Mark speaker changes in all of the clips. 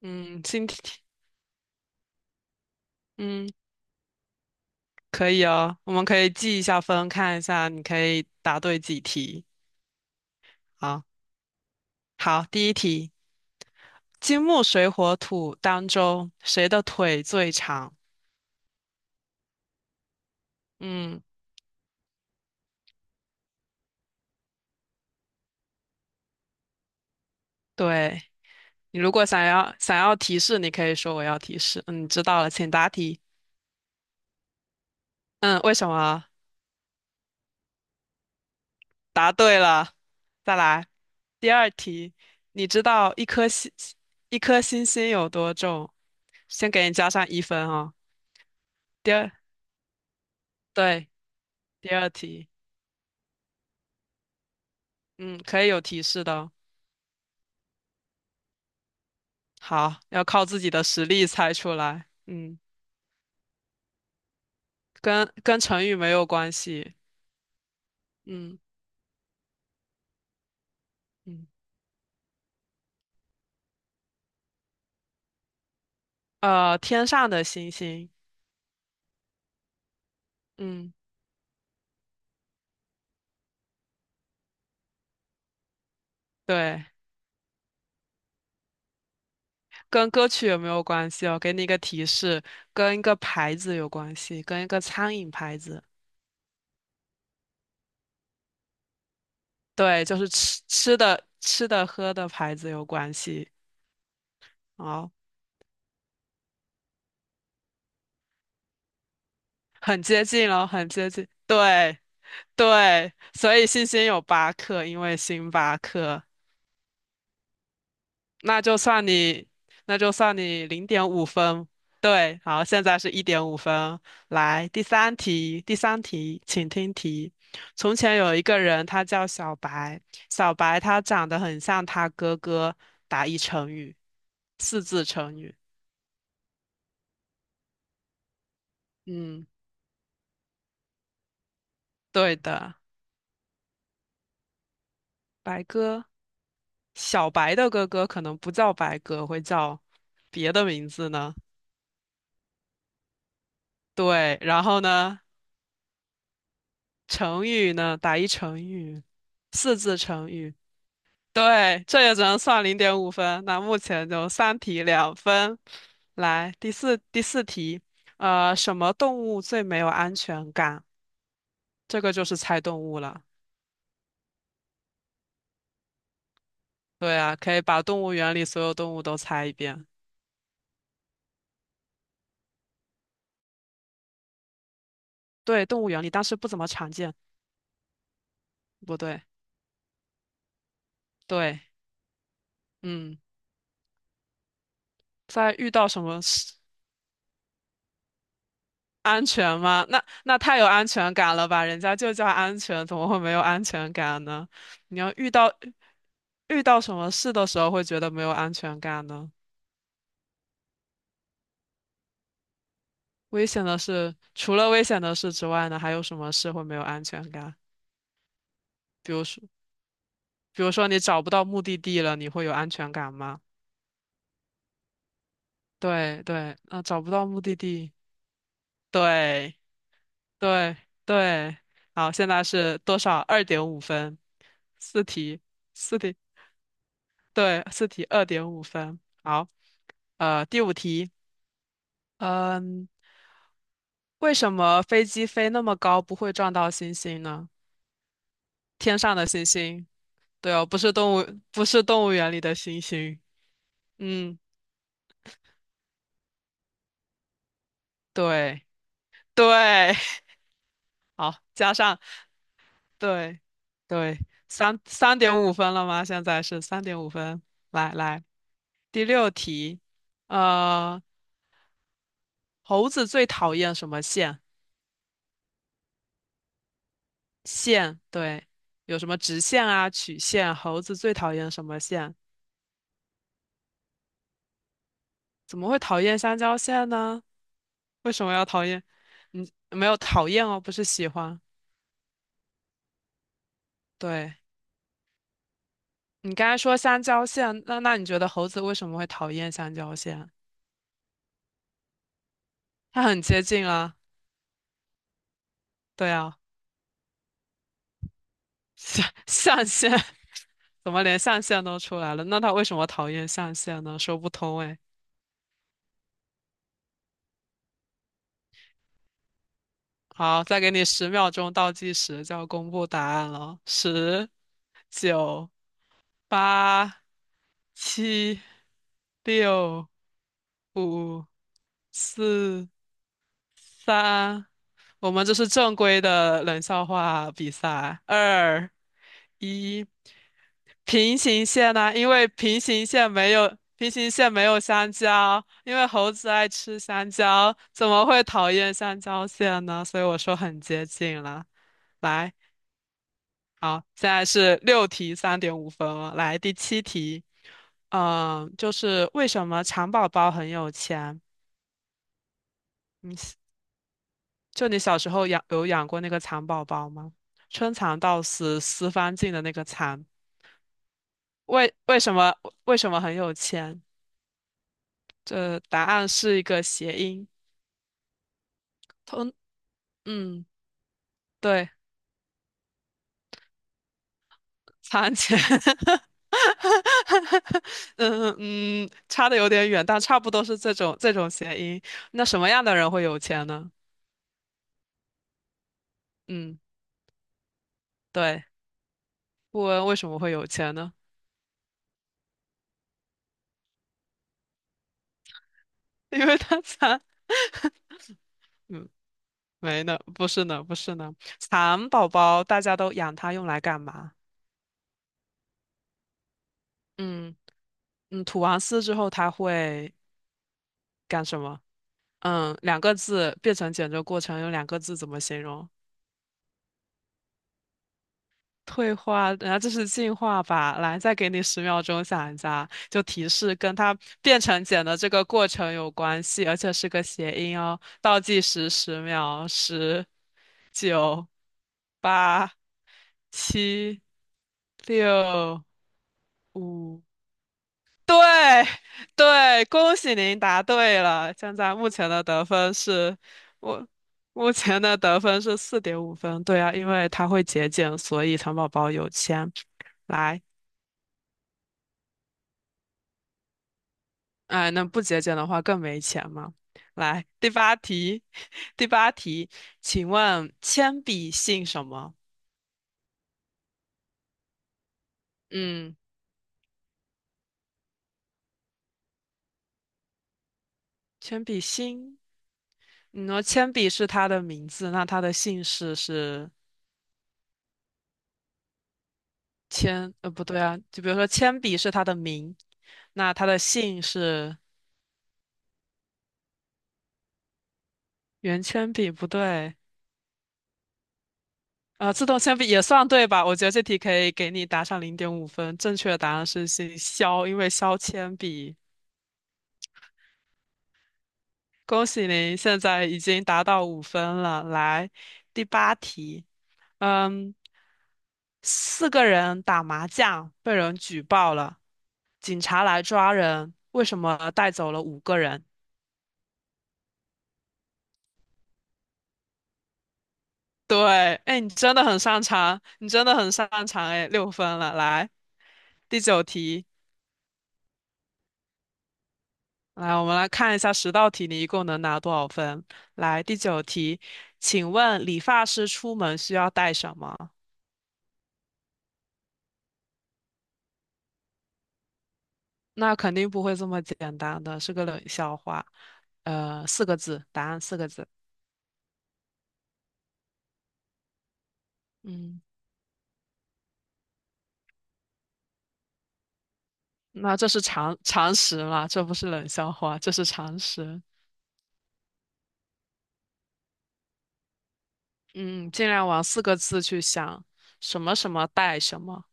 Speaker 1: 嗯，今天，嗯，可以哦，我们可以记一下分，看一下你可以答对几题。好，好，第一题，金木水火土当中，谁的腿最长？嗯，对，你如果想要提示，你可以说我要提示。嗯，你知道了，请答题。嗯，为什么？答对了，再来。第二题，你知道一颗星星有多重？先给你加上1分哦。第二，对，第二题。嗯，可以有提示的哦。好，要靠自己的实力猜出来。嗯，跟成语没有关系。嗯嗯，天上的星星。嗯，对，跟歌曲有没有关系哦？给你一个提示，跟一个牌子有关系，跟一个餐饮牌子。对，就是吃的、喝的牌子有关系。哦，很接近了，很接近。对对，所以星星有8颗，因为星巴克。那就算你，那就算你零点五分。对，好，现在是1.5分。来，第三题，请听题。从前有一个人，他叫小白，小白他长得很像他哥哥。打一成语，四字成语。嗯，对的，白鸽。小白的哥哥可能不叫白鸽，会叫别的名字呢。对，然后呢，成语呢，打一成语，四字成语。对，这也只能算零点五分。那目前就三题2分。来，第四题，什么动物最没有安全感？这个就是猜动物了。对啊，可以把动物园里所有动物都猜一遍。对，动物园里，但是不怎么常见。不对，对，嗯，在遇到什么事安全吗？那太有安全感了吧？人家就叫安全，怎么会没有安全感呢？你要遇到什么事的时候会觉得没有安全感呢？危险的事，除了危险的事之外呢，还有什么事会没有安全感？比如说，比如说你找不到目的地了，你会有安全感吗？对对，啊，找不到目的地，对对对。好，现在是多少？二点五分，四题，四题，对，四题二点五分。好，第五题，嗯，为什么飞机飞那么高不会撞到星星呢？天上的星星。对哦，不是动物，不是动物园里的猩猩。嗯，对对，好，加上对对，三点五分了吗？现在是三点五分。来，第六题，呃，猴子最讨厌什么线？线，对，有什么直线啊、曲线？猴子最讨厌什么线？怎么会讨厌香蕉线呢？为什么要讨厌？嗯，没有讨厌哦，不是喜欢。对。你刚才说香蕉线，那你觉得猴子为什么会讨厌香蕉线？它很接近啊，对啊，象限 怎么连象限都出来了？那它为什么讨厌象限呢？说不通哎。好，再给你十秒钟倒计时，就要公布答案了。十、九、八、七、六、五、四、三，我们这是正规的冷笑话比赛。二，一，平行线呢、因为平行线没有香蕉，因为猴子爱吃香蕉，怎么会讨厌香蕉线呢？所以我说很接近了。来，好，现在是六题三点五分了。来，第七题，嗯，就是为什么蚕宝宝很有钱？嗯，就你小时候有养过那个蚕宝宝吗？春蚕到死丝方尽的那个蚕，为为什么为什么很有钱？这答案是一个谐音，通嗯对，蚕钱，嗯嗯，差的有点远，但差不多是这种谐音。那什么样的人会有钱呢？嗯，对，富翁为什么会有钱呢？因为他蚕 嗯。没呢，不是呢，不是呢。蚕宝宝大家都养它用来干嘛？嗯嗯，吐完丝之后它会干什么？嗯，两个字，变成简的过程用两个字怎么形容？退化，然后这是进化吧？来，再给你十秒钟想一下，就提示跟它变成茧的这个过程有关系，而且是个谐音哦。倒计时十秒，十、九、八、七、六、五。对对，恭喜您答对了。现在目前的得分是，我目前的得分是4.5分。对啊，因为它会节俭，所以糖宝宝有钱。来，哎，那不节俭的话更没钱嘛。来，第八题，第八题，请问铅笔姓什么？嗯，铅笔姓，你说铅笔是他的名字，那他的姓氏是？铅，不对啊，就比如说铅笔是他的名，那他的姓是圆铅笔，不对，自动铅笔也算对吧？我觉得这题可以给你打上零点五分。正确的答案是姓肖，因为削铅笔。恭喜您，现在已经达到五分了。来，第八题，嗯，四个人打麻将被人举报了，警察来抓人，为什么带走了五个人？对，哎，你真的很擅长，你真的很擅长，哎，6分了，来，第九题，来，我们来看一下十道题，你一共能拿多少分？来，第九题，请问理发师出门需要带什么？那肯定不会这么简单的，是个冷笑话。四个字，答案四个字。嗯，那这是常识嘛？这不是冷笑话，这是常识。嗯，尽量往四个字去想，什么什么带什么。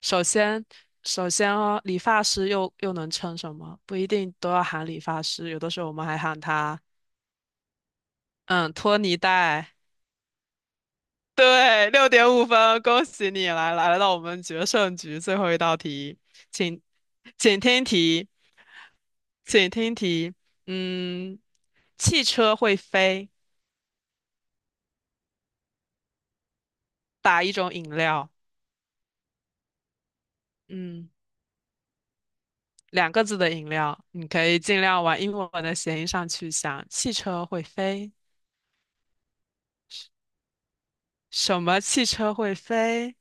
Speaker 1: 首先，首先哦，理发师又能称什么？不一定都要喊理发师，有的时候我们还喊他，嗯，托尼戴。对，6.5分，恭喜你来到我们决胜局最后一道题，请请听题，请听题。嗯，汽车会飞，打一种饮料，嗯，两个字的饮料，你可以尽量往英文的谐音上去想。汽车会飞，什么汽车会飞？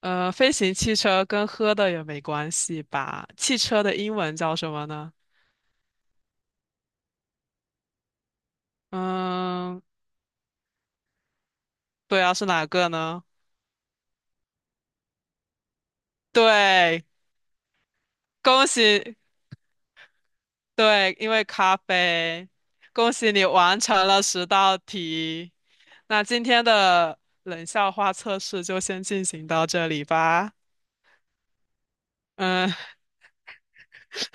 Speaker 1: 飞行汽车跟喝的也没关系吧？汽车的英文叫什么呢？嗯，对啊，是哪个呢？对，恭喜，对，因为咖啡，恭喜你完成了十道题。那今天的冷笑话测试就先进行到这里吧。嗯，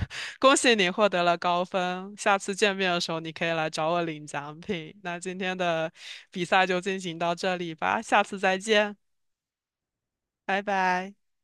Speaker 1: 恭喜你获得了高分，下次见面的时候你可以来找我领奖品。那今天的比赛就进行到这里吧，下次再见。拜拜。